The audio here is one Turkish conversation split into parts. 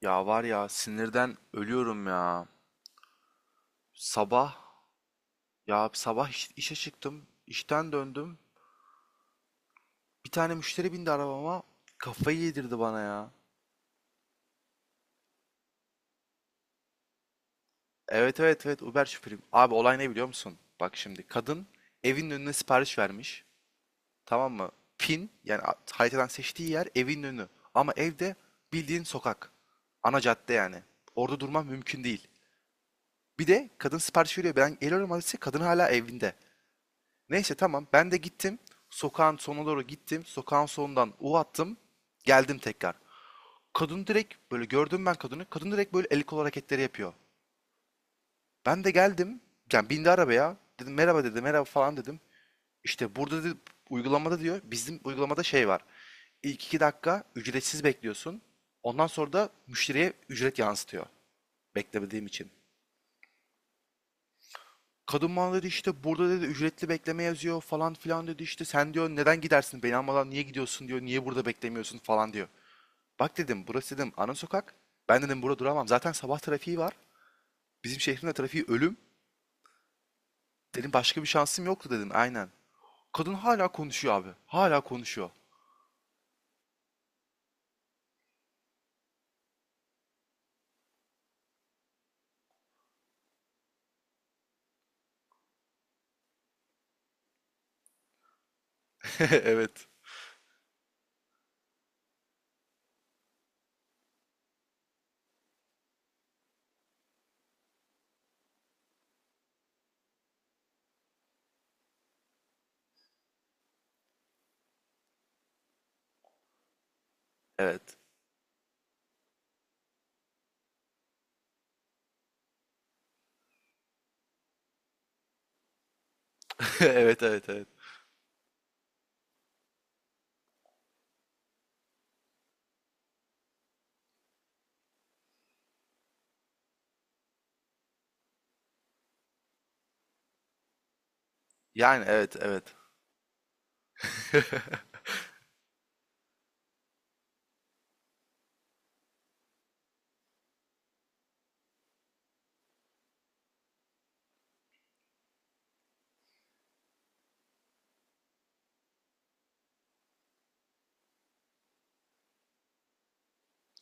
Ya var ya sinirden ölüyorum ya. Sabah Ya sabah işe çıktım. İşten döndüm. Bir tane müşteri bindi arabama. Kafayı yedirdi bana ya. Evet, evet, evet, Uber şoförüyüm. Abi olay ne biliyor musun? Bak şimdi kadın evin önüne sipariş vermiş. Tamam mı? Pin yani haritadan seçtiği yer evin önü. Ama evde bildiğin sokak. Ana cadde yani. Orada durmam mümkün değil. Bir de kadın sipariş veriyor. Ben geliyorum adrese, kadın hala evinde. Neyse tamam. Ben de gittim. Sokağın sonuna doğru gittim. Sokağın sonundan U attım. Geldim tekrar. Kadın direkt, böyle gördüm ben kadını. Kadın direkt böyle el kol hareketleri yapıyor. Ben de geldim. Yani bindi arabaya. Dedim merhaba, dedi. Merhaba falan dedim. İşte burada dedi, uygulamada diyor. Bizim uygulamada şey var. İlk 2 dakika ücretsiz bekliyorsun. Ondan sonra da müşteriye ücret yansıtıyor. Beklemediğim için. Kadın bana dedi işte burada dedi ücretli bekleme yazıyor falan filan dedi, işte sen diyor neden gidersin beni almadan, niye gidiyorsun diyor, niye burada beklemiyorsun falan diyor. Bak dedim, burası dedim ana sokak, ben dedim burada duramam, zaten sabah trafiği var, bizim şehrin de trafiği ölüm dedim, başka bir şansım yoktu dedim, aynen. Kadın hala konuşuyor abi, hala konuşuyor. Evet, evet. Evet, evet, evet. Yani, evet, evet.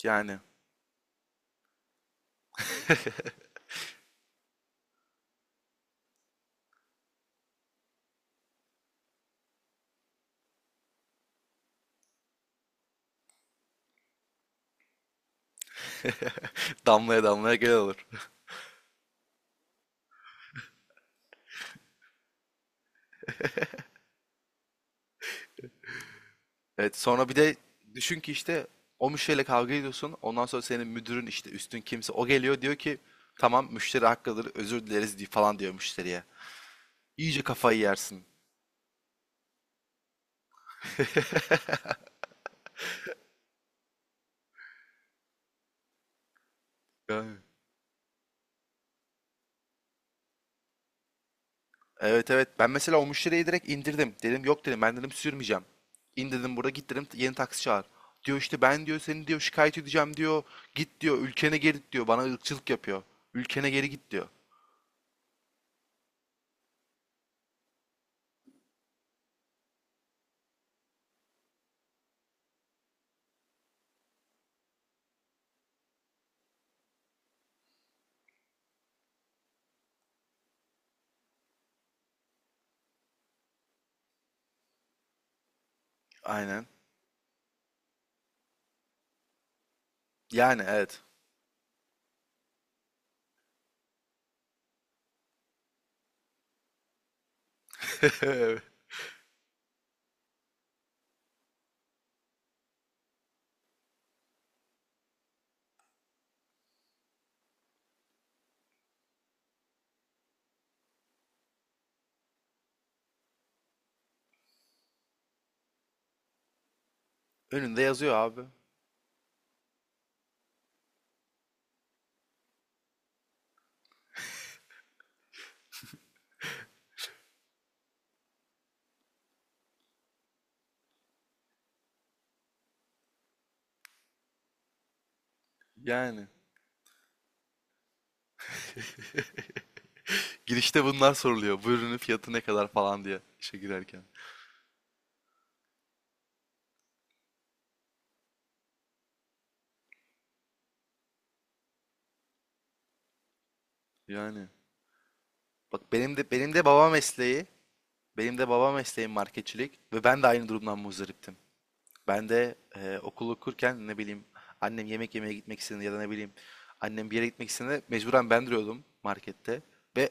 Yani. Damlaya damlaya gel olur. Evet, sonra bir de düşün ki işte o müşteriyle kavga ediyorsun. Ondan sonra senin müdürün, işte üstün kimse o, geliyor diyor ki tamam müşteri haklıdır özür dileriz diye falan diyor müşteriye. İyice kafayı yersin. Yani. Evet, evet, ben mesela o müşteriyi direkt indirdim. Dedim yok dedim, ben dedim sürmeyeceğim. İn dedim burada, git dedim yeni taksi çağır. Diyor işte ben diyor seni diyor şikayet edeceğim diyor. Git diyor ülkene geri git diyor, bana ırkçılık yapıyor. Ülkene geri git diyor. Aynen. Yani, evet. Önünde yazıyor abi. Yani. Girişte bunlar soruluyor. Bu ürünün fiyatı ne kadar falan diye işe girerken. Yani bak, benim de baba mesleği, benim de baba mesleğim marketçilik ve ben de aynı durumdan muzdariptim. Ben de okul okurken, ne bileyim, annem yemek yemeye gitmek istediğinde ya da ne bileyim annem bir yere gitmek istediğinde mecburen ben duruyordum markette ve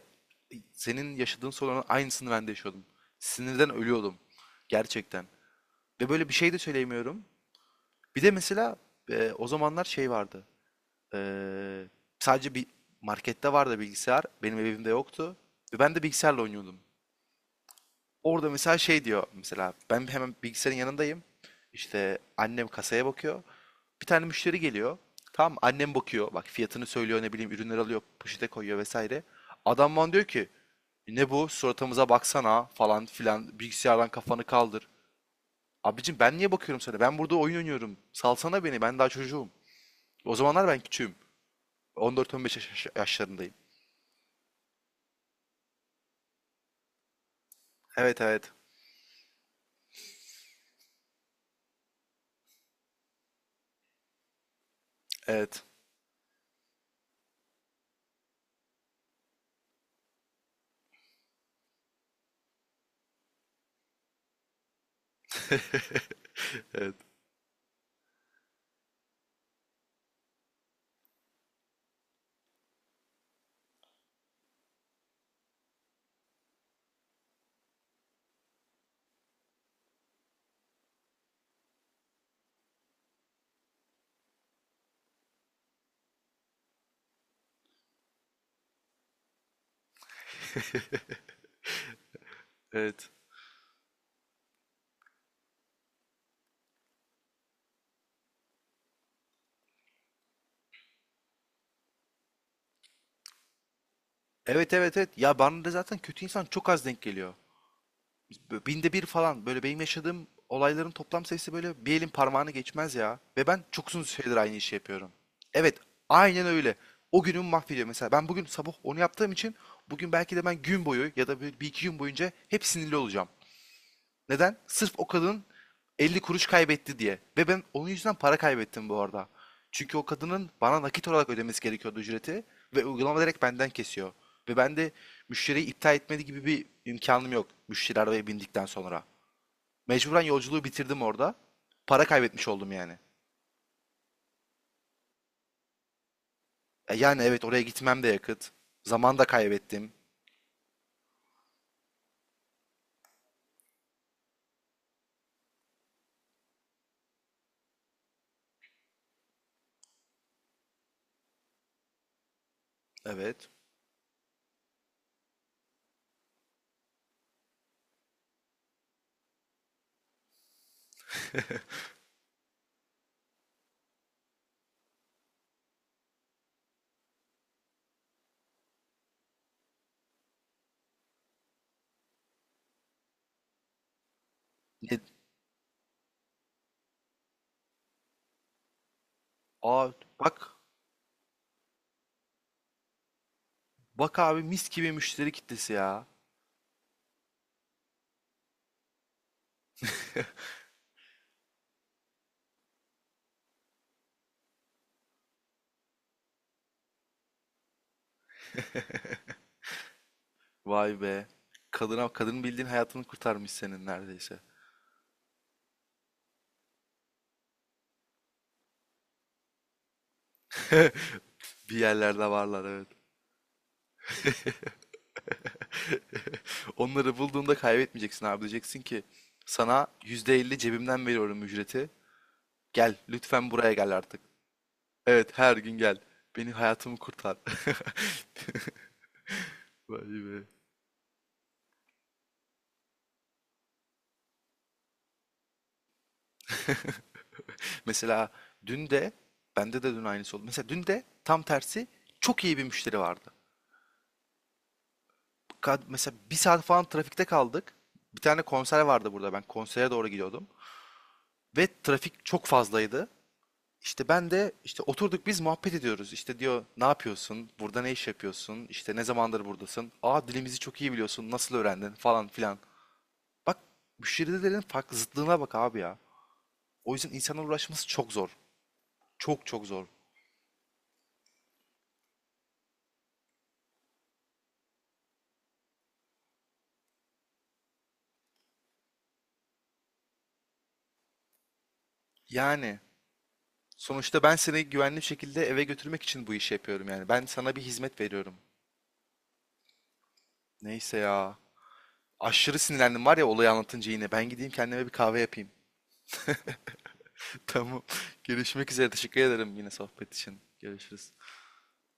senin yaşadığın sorunun aynısını ben de yaşıyordum. Sinirden ölüyordum gerçekten. Ve böyle bir şey de söyleyemiyorum. Bir de mesela o zamanlar şey vardı. Ee, Sadece bir markette vardı bilgisayar. Benim evimde yoktu. Ve ben de bilgisayarla oynuyordum. Orada mesela şey diyor, mesela ben hemen bilgisayarın yanındayım. İşte annem kasaya bakıyor. Bir tane müşteri geliyor. Tamam mı? Annem bakıyor. Bak fiyatını söylüyor, ne bileyim, ürünler alıyor, poşete koyuyor, vesaire. Adam bana diyor ki ne bu, suratımıza baksana falan filan, bilgisayardan kafanı kaldır. Abicim ben niye bakıyorum sana? Ben burada oyun oynuyorum. Salsana beni, ben daha çocuğum. O zamanlar ben küçüğüm. 14-15 yaşlarındayım. Evet, evet. Evet. Evet. Evet. Evet, evet, evet. Ya bana da zaten kötü insan çok az denk geliyor. Binde bir falan, böyle benim yaşadığım olayların toplam sayısı böyle bir elin parmağını geçmez ya. Ve ben çok uzun süredir aynı işi yapıyorum. Evet, aynen öyle. O günümü mahvediyor. Mesela ben bugün sabah onu yaptığım için bugün belki de ben gün boyu ya da bir iki gün boyunca hep sinirli olacağım. Neden? Sırf o kadın 50 kuruş kaybetti diye. Ve ben onun yüzünden para kaybettim bu arada. Çünkü o kadının bana nakit olarak ödemesi gerekiyordu ücreti ve uygulama direkt benden kesiyor. Ve ben de müşteriyi iptal etmedi gibi bir imkanım yok müşteri arabaya bindikten sonra. Mecburen yolculuğu bitirdim orada. Para kaybetmiş oldum yani. E yani evet, oraya gitmem de yakıt. Zaman da kaybettim. Evet. Ne- Aa bak. Bak abi, mis gibi müşteri kitlesi ya. Vay be. Kadına, kadının bildiğin hayatını kurtarmış senin neredeyse. Bir yerlerde varlar, evet. Onları bulduğunda kaybetmeyeceksin abi. Diyeceksin ki sana %50 cebimden veriyorum ücreti. Gel lütfen, buraya gel artık. Evet, her gün gel. Beni, hayatımı kurtar. Vay be. Mesela dün de, bende de dün aynısı oldu. Mesela dün de tam tersi çok iyi bir müşteri vardı. Mesela bir saat falan trafikte kaldık. Bir tane konser vardı burada. Ben konsere doğru gidiyordum. Ve trafik çok fazlaydı. İşte ben de, işte oturduk biz muhabbet ediyoruz. İşte diyor ne yapıyorsun? Burada ne iş yapıyorsun? İşte ne zamandır buradasın? Aa, dilimizi çok iyi biliyorsun. Nasıl öğrendin? Falan filan. Bak müşterilerin farklı zıtlığına bak abi ya. O yüzden insanlarla uğraşması çok zor. Çok çok zor. Yani sonuçta ben seni güvenli bir şekilde eve götürmek için bu işi yapıyorum yani. Ben sana bir hizmet veriyorum. Neyse ya. Aşırı sinirlendim var ya, olayı anlatınca yine. Ben gideyim kendime bir kahve yapayım. Tamam. Görüşmek üzere. Teşekkür ederim yine sohbet için. Görüşürüz.